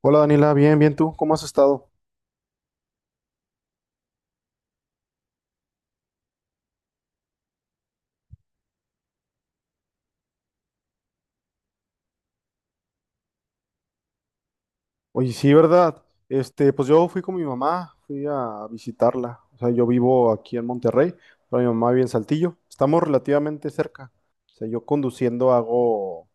Hola Daniela, bien, bien tú, ¿cómo has estado? Oye, sí, ¿verdad? Este, pues yo fui con mi mamá, fui a visitarla. O sea, yo vivo aquí en Monterrey, pero mi mamá vive en Saltillo. Estamos relativamente cerca. O sea, yo conduciendo hago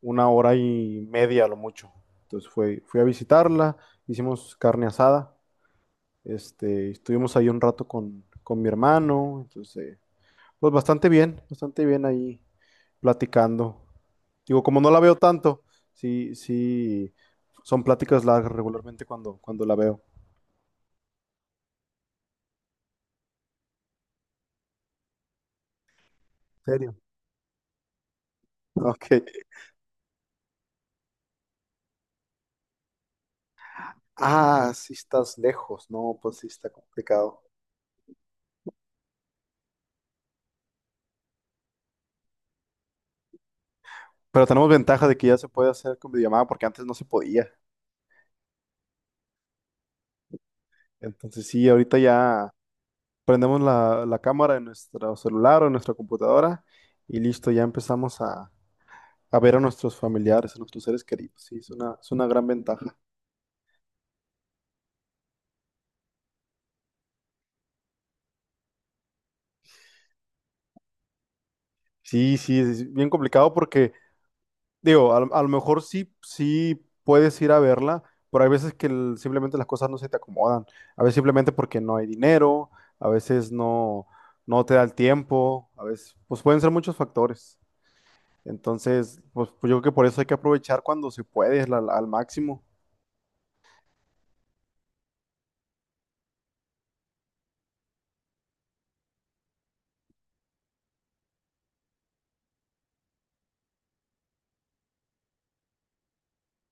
una hora y media a lo mucho. Entonces fui a visitarla, hicimos carne asada, estuvimos ahí un rato con mi hermano, entonces, pues bastante bien ahí platicando. Digo, como no la veo tanto, sí, sí, son pláticas largas regularmente cuando la veo. ¿En serio? Ok. Ah, sí estás lejos. No, pues sí está complicado. Pero tenemos ventaja de que ya se puede hacer con videollamada porque antes no se podía. Entonces sí, ahorita ya prendemos la cámara en nuestro celular o en nuestra computadora y listo, ya empezamos a ver a nuestros familiares, a nuestros seres queridos. Sí, es una gran ventaja. Sí, sí, es bien complicado porque digo, a lo mejor sí, sí puedes ir a verla, pero hay veces que simplemente las cosas no se te acomodan. A veces simplemente porque no hay dinero, a veces no, no te da el tiempo, a veces, pues pueden ser muchos factores. Entonces, pues yo creo que por eso hay que aprovechar cuando se puede, al máximo.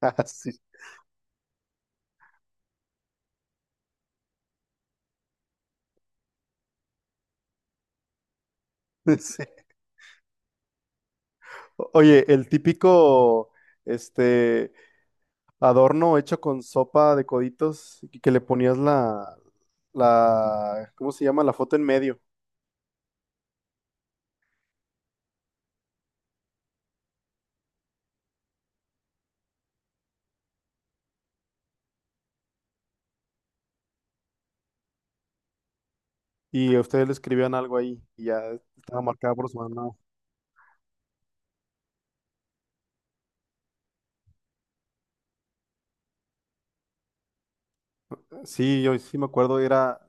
Ah, sí, sí. Oye, el típico, este, adorno hecho con sopa de coditos que le ponías ¿cómo se llama? La foto en medio. Y a ustedes le escribían algo ahí y ya estaba marcada por su mamá. Sí, yo sí me acuerdo, era,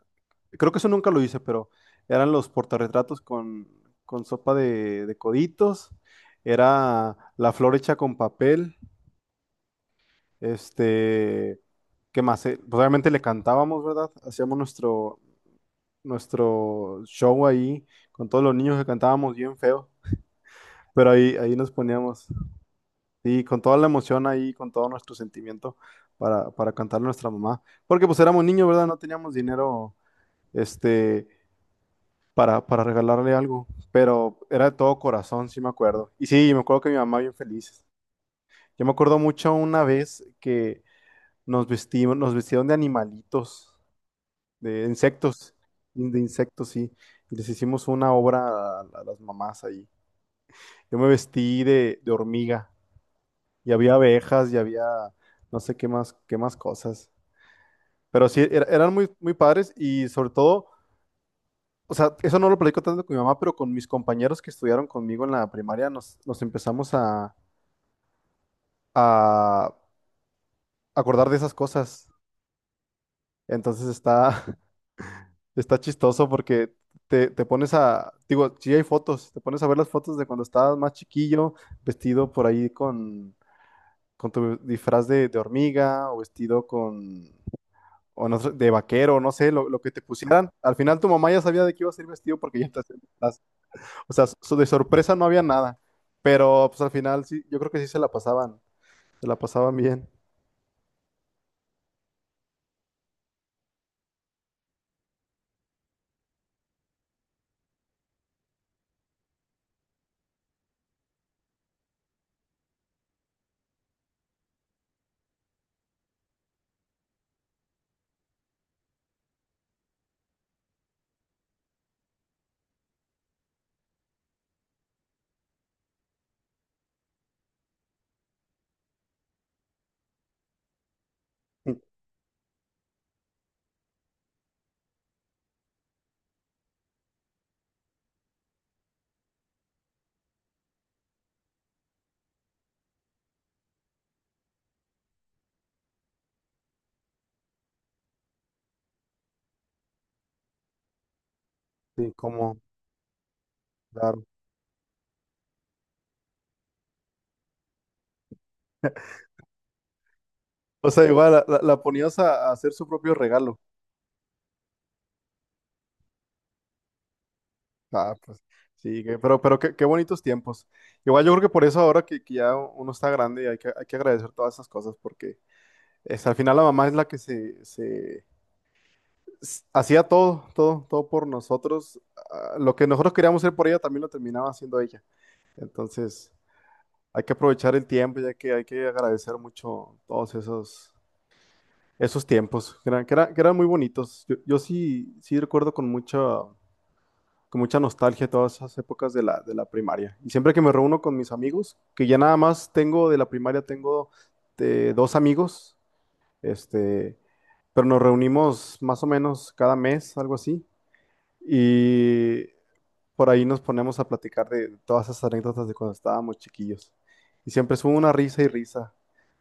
creo que eso nunca lo hice, pero eran los portarretratos con sopa de coditos, era la flor hecha con papel, este, ¿qué más? Pues obviamente le cantábamos, ¿verdad? Hacíamos nuestro, nuestro show ahí con todos los niños que cantábamos bien feo, pero ahí nos poníamos. Sí, con toda la emoción ahí, con todo nuestro sentimiento para cantarle a nuestra mamá. Porque pues éramos niños, ¿verdad? No teníamos dinero este, para regalarle algo, pero era de todo corazón, sí me acuerdo. Y sí, me acuerdo que mi mamá bien feliz. Yo me acuerdo mucho una vez que nos vestimos, nos vestieron de animalitos, de insectos, de insectos, sí. Y les hicimos una obra a las mamás ahí. Yo me vestí de hormiga y había abejas y había no sé qué más cosas. Pero sí, eran muy, muy padres y sobre todo, o sea, eso no lo platico tanto con mi mamá, pero con mis compañeros que estudiaron conmigo en la primaria nos empezamos a acordar de esas cosas. Entonces está, está chistoso porque te pones a, digo, sí hay fotos, te pones a ver las fotos de cuando estabas más chiquillo, vestido por ahí con tu disfraz de hormiga o vestido con o no sé, de vaquero, no sé, lo que te pusieran. Al final tu mamá ya sabía de qué ibas a ir vestido porque ya te hacían o sea, de sorpresa no había nada. Pero pues al final sí, yo creo que sí se la pasaban bien. Sí, como, claro. O sea, igual la ponías a hacer su propio regalo. Ah, pues sí, pero qué, qué bonitos tiempos. Igual yo creo que por eso ahora que ya uno está grande hay hay que agradecer todas esas cosas porque es, al final la mamá es la que hacía todo, todo, todo por nosotros. Ah, lo que nosotros queríamos hacer por ella también lo terminaba haciendo ella. Entonces, hay que aprovechar el tiempo, ya que hay que agradecer mucho esos tiempos, que eran muy bonitos. Yo sí, sí recuerdo con mucha nostalgia todas esas épocas de de la primaria. Y siempre que me reúno con mis amigos, que ya nada más tengo de la primaria, tengo dos amigos, este pero nos reunimos más o menos cada mes, algo así, y por ahí nos ponemos a platicar de todas esas anécdotas de cuando estábamos chiquillos. Y siempre es una risa y risa,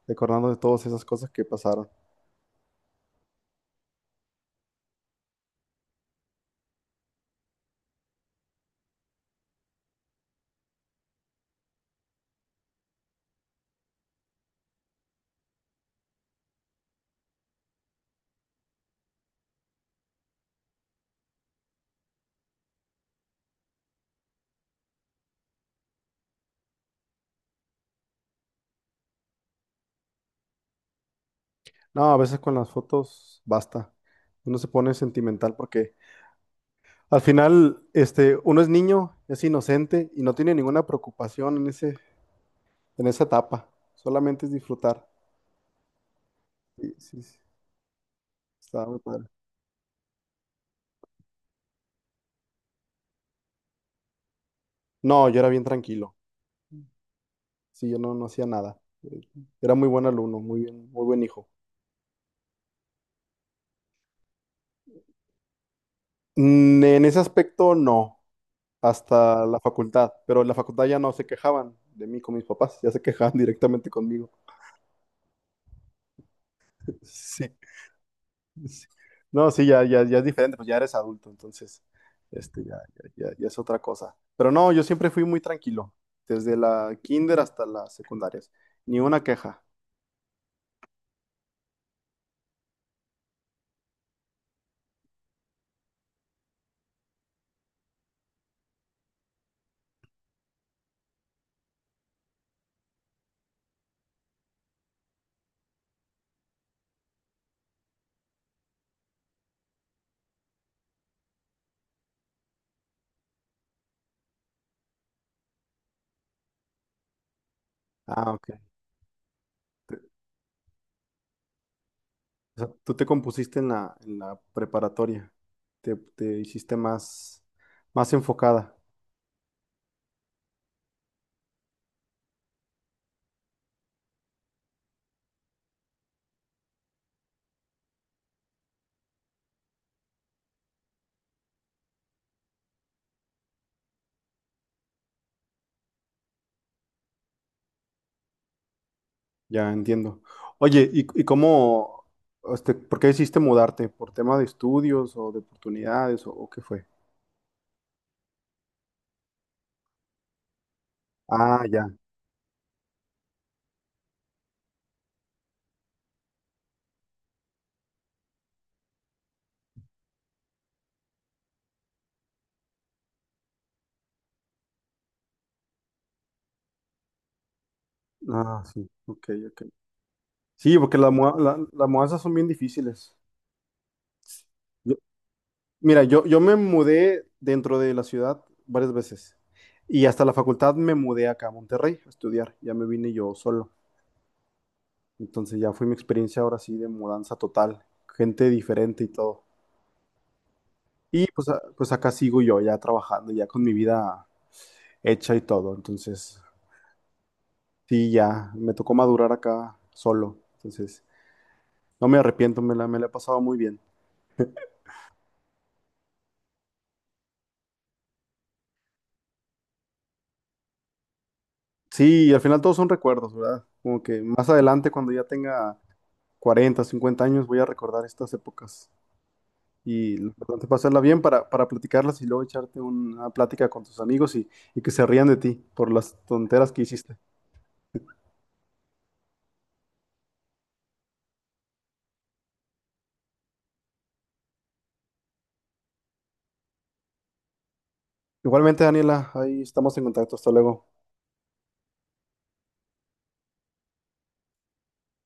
recordando de todas esas cosas que pasaron. No, a veces con las fotos basta. Uno se pone sentimental porque al final, uno es niño, es inocente y no tiene ninguna preocupación en en esa etapa. Solamente es disfrutar. Sí, sí, sí, estaba muy padre. No, yo era bien tranquilo. Sí, yo no, no hacía nada. Era muy buen alumno, muy buen hijo. Mm, en ese aspecto no, hasta la facultad, pero en la facultad ya no se quejaban de mí con mis papás, ya se quejaban directamente conmigo. Sí, sí. No, sí, ya es diferente, pues ya eres adulto, entonces, este, ya, ya es otra cosa. Pero no, yo siempre fui muy tranquilo, desde la kinder hasta las secundarias, ni una queja. Ah, ok. Te- o tú te compusiste en en la preparatoria, te hiciste más, más enfocada. Ya entiendo. Oye, ¿ por qué decidiste mudarte? ¿Por tema de estudios o de oportunidades o qué fue? Ah, ya. Ah, sí. Ok, ok. Sí, porque las mudanzas son bien difíciles. Yo- mira, yo me mudé dentro de la ciudad varias veces y hasta la facultad me mudé acá a Monterrey a estudiar. Ya me vine yo solo. Entonces ya fue mi experiencia ahora sí de mudanza total, gente diferente y todo. Y pues, pues acá sigo yo ya trabajando, ya con mi vida hecha y todo. Entonces, sí, ya me tocó madurar acá solo. Entonces, no me arrepiento, me la he pasado muy bien. Sí, y al final todos son recuerdos, ¿verdad? Como que más adelante, cuando ya tenga 40, 50 años, voy a recordar estas épocas. Y lo importante es pasarla bien para platicarlas y luego echarte una plática con tus amigos y que se rían de ti por las tonteras que hiciste. Igualmente, Daniela, ahí estamos en contacto. Hasta luego.